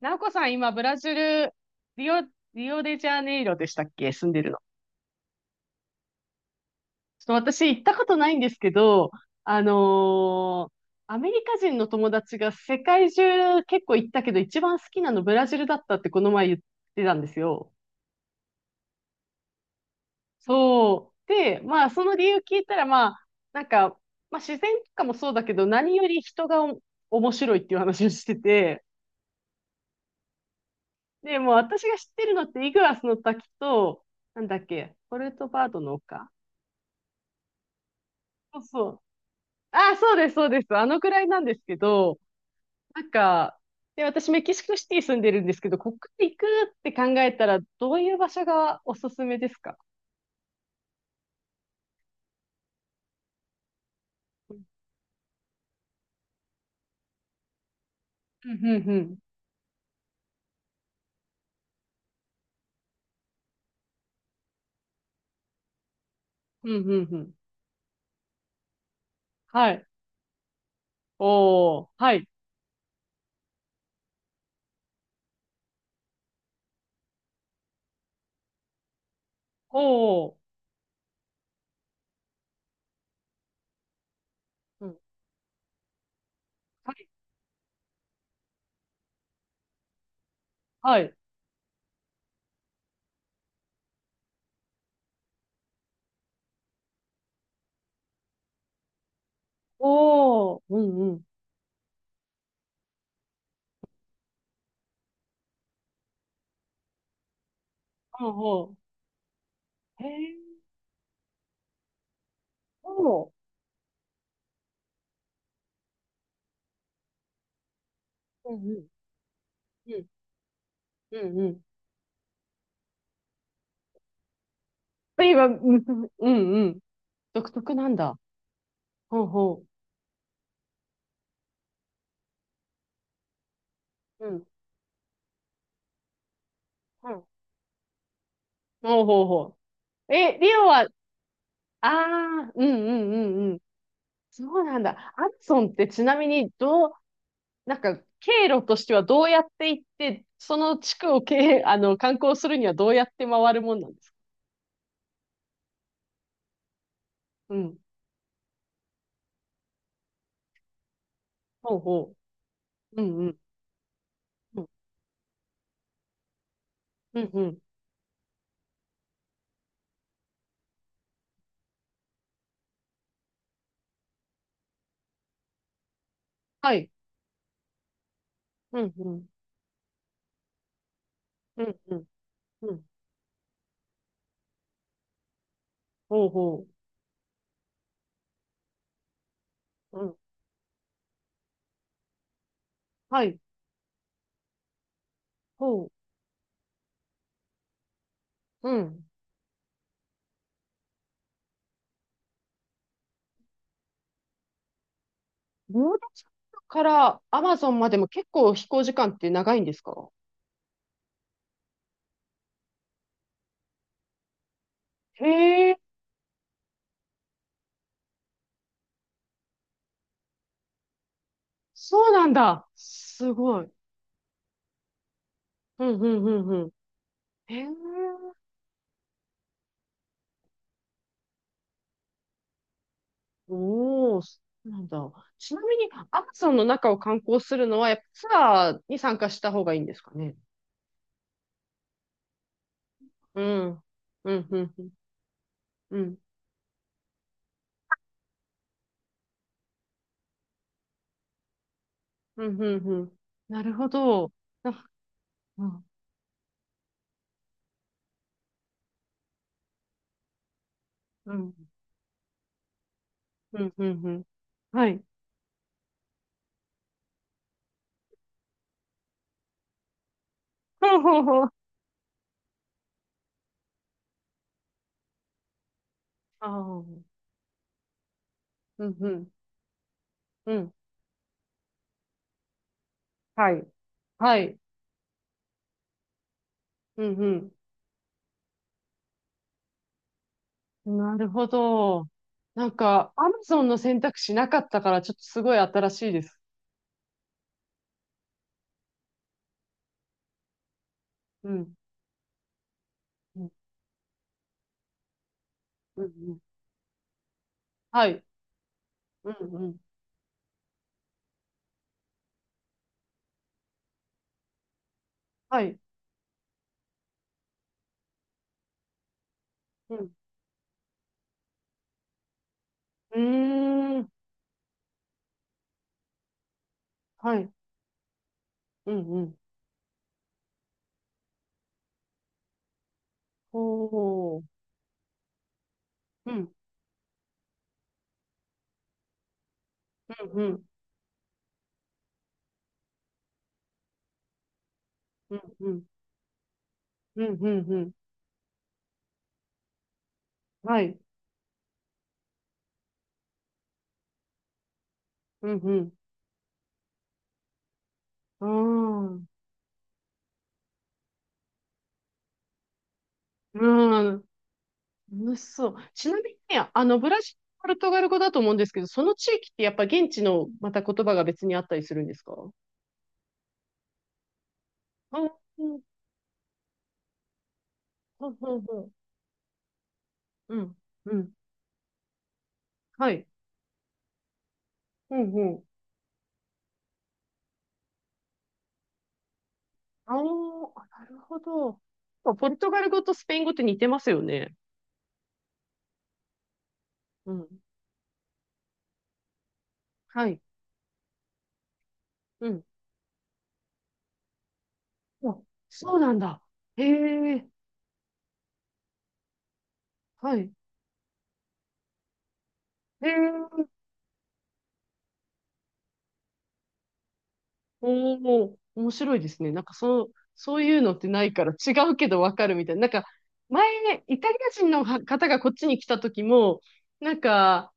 なおこさん、今、ブラジル、リオ、リオデジャネイロでしたっけ、住んでるの？ちょっと私、行ったことないんですけど、あのーアメリカ人の友達が世界中結構行ったけど、一番好きなのブラジルだったってこの前言ってたんですよ。そう。で、まあ、その理由聞いたら、まあ、なんか、まあ、自然とかもそうだけど、何より人が面白いっていう話をしてて、で、もう私が知ってるのって、イグアスの滝と、なんだっけ、ポルトバードの丘。そうそう。あ、そうです、そうです。あのくらいなんですけど、なんか、で、私メキシコシティ住んでるんですけど、ここから行くって考えたら、どういう場所がおすすめですか？うんうんうん。うんうんうん。はい。おー、はい。おー、うん。はい。はい。おー、うんうん。おー、へえ、おー、うんうん。うんうんうん。今、うんうんうん。独特なんだ。ほうほう。うん。うん。ほうほうほう。え、リオは？ああ、うんうんうんうん。そうなんだ。アマゾンってちなみにどう、なんか経路としてはどうやって行って、その地区を経、観光するにはどうやって回るもんなんですか？うん。ほうほう。うんうん。うんうんうん。はい。うんうん。うんうんうん。ほうほう。うん。はい。ほう。うん。ボードチャンからアマゾンまでも結構飛行時間って長いんですか？へえ、そうなんだ。すごい。うんうんうん。へえ、おー、そうなんだ。ちなみに、アマゾンの中を観光するのは、やっぱツアーに参加した方がいいんですかね？うん。うん、うん、うん。うん、うん、うん。なるほど。あ、うん、うん、うん、うん。うん、はい。ほうほうほう。ああ、うん、うん、うん。はい。はい。うん、うん。なるほど。なんか、アマゾンの選択肢なかったから、ちょっとすごい新しいです。うん、うん、うん。うん、はい。うんうん。はい。うん。うーん。はい。うんうん。ほう。うん。うんうん。うんうん。うんうんうん。はい。うんうん。うーん。うーん。楽しそう。ちなみにね、ブラジル、ポルトガル語だと思うんですけど、その地域ってやっぱ現地のまた言葉が別にあったりするんですか？うん。うんうんうんうん。うん。はい。うんうん。あーあ、なるほど。ポルトガル語とスペイン語って似てますよね。うん。はい。うん。あ、そうなんだ。へえ、はい。へえ、おお、面白いですね。なんかそう、そういうのってないから違うけどわかるみたいな。なんか、前、イタリア人の方がこっちに来た時も、なんか、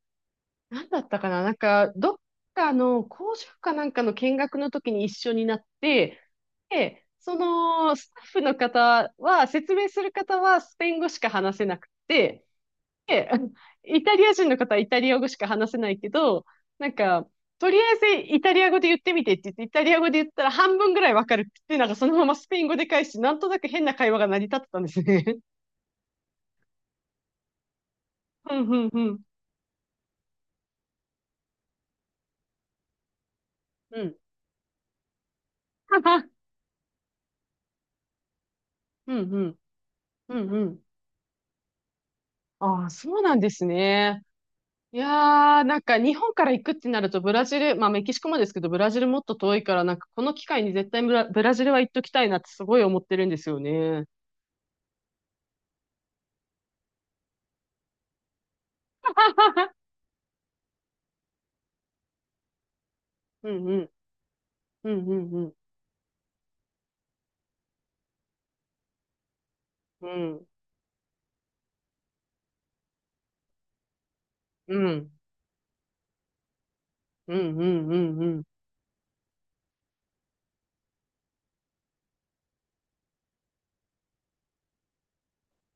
なんだったかな。なんか、どっかの工場かなんかの見学の時に一緒になって、で、そのスタッフの方は、説明する方はスペイン語しか話せなくて、で、イタリア人の方はイタリア語しか話せないけど、なんか、とりあえずイタリア語で言ってみてって言って、イタリア語で言ったら半分ぐらいわかるって、なんかそのままスペイン語で返し、なんとなく変な会話が成り立ってたんですね。うんうんうん。うん。はは。うんうん。うんうん。ああ、そうなんですね。いやー、なんか日本から行くってなるとブラジル、まあメキシコもですけど、ブラジルもっと遠いから、なんかこの機会に絶対ブラジルは行っときたいなってすごい思ってるんですよね。うんうん。うんうんうん。うん、うん、うん、うん、うん、うん。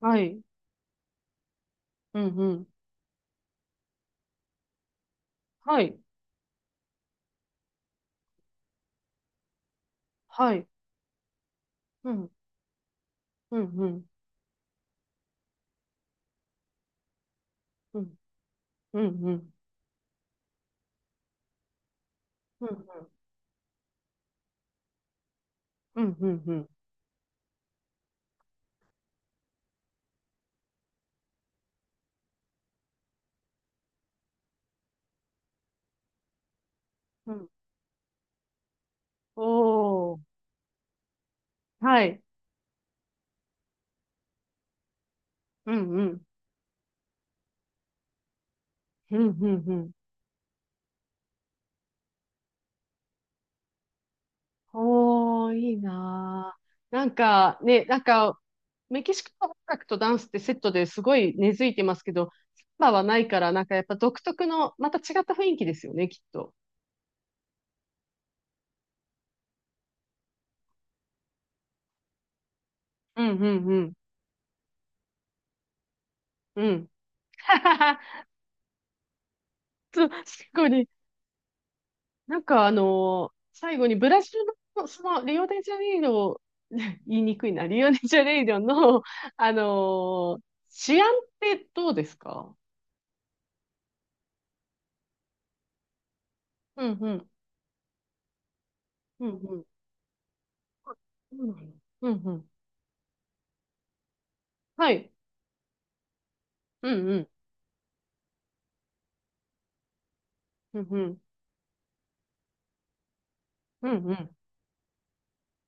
はい、うん、うん、はい、はい、うん、うん、うん、うん、うん、うん、うん、うん、うん、うん、うん、おー、はい、うん、うん、うん、うん、うん。おー、いいなー。なんか、ね、なんか、メキシコの音楽とダンスってセットですごい根付いてますけど、サンバはないから、なんかやっぱ独特の、また違った雰囲気ですよね、きっと。うん、うん、うん、うん。そう、すごいね。なんかあの最後にブラジルの、その、リオデジャネイロ、言いにくいな、リオデジャネイロの、あの治安ってどうですか？うんうん、うんうん、うんうん、うん。はい、うんうん、うんうん、うんうん、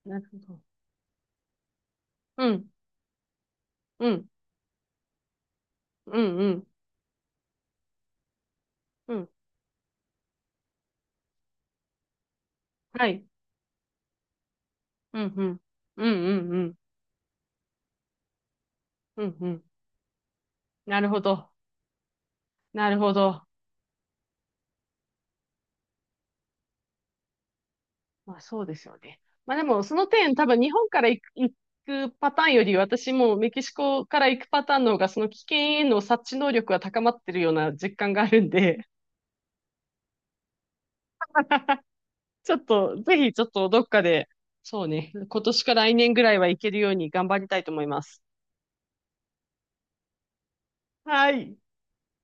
なるほど。うん、うん、うん、うん、うん、はい、うんうん、うんうん、うん、うんうん、なるほど、なるほど。まあそうですよね。まあでもその点多分日本から行くパターンより私もメキシコから行くパターンの方がその危険への察知能力が高まってるような実感があるんで、ちょっとぜひちょっとどっかで、そうね、今年か来年ぐらいは行けるように頑張りたいと思います。はい。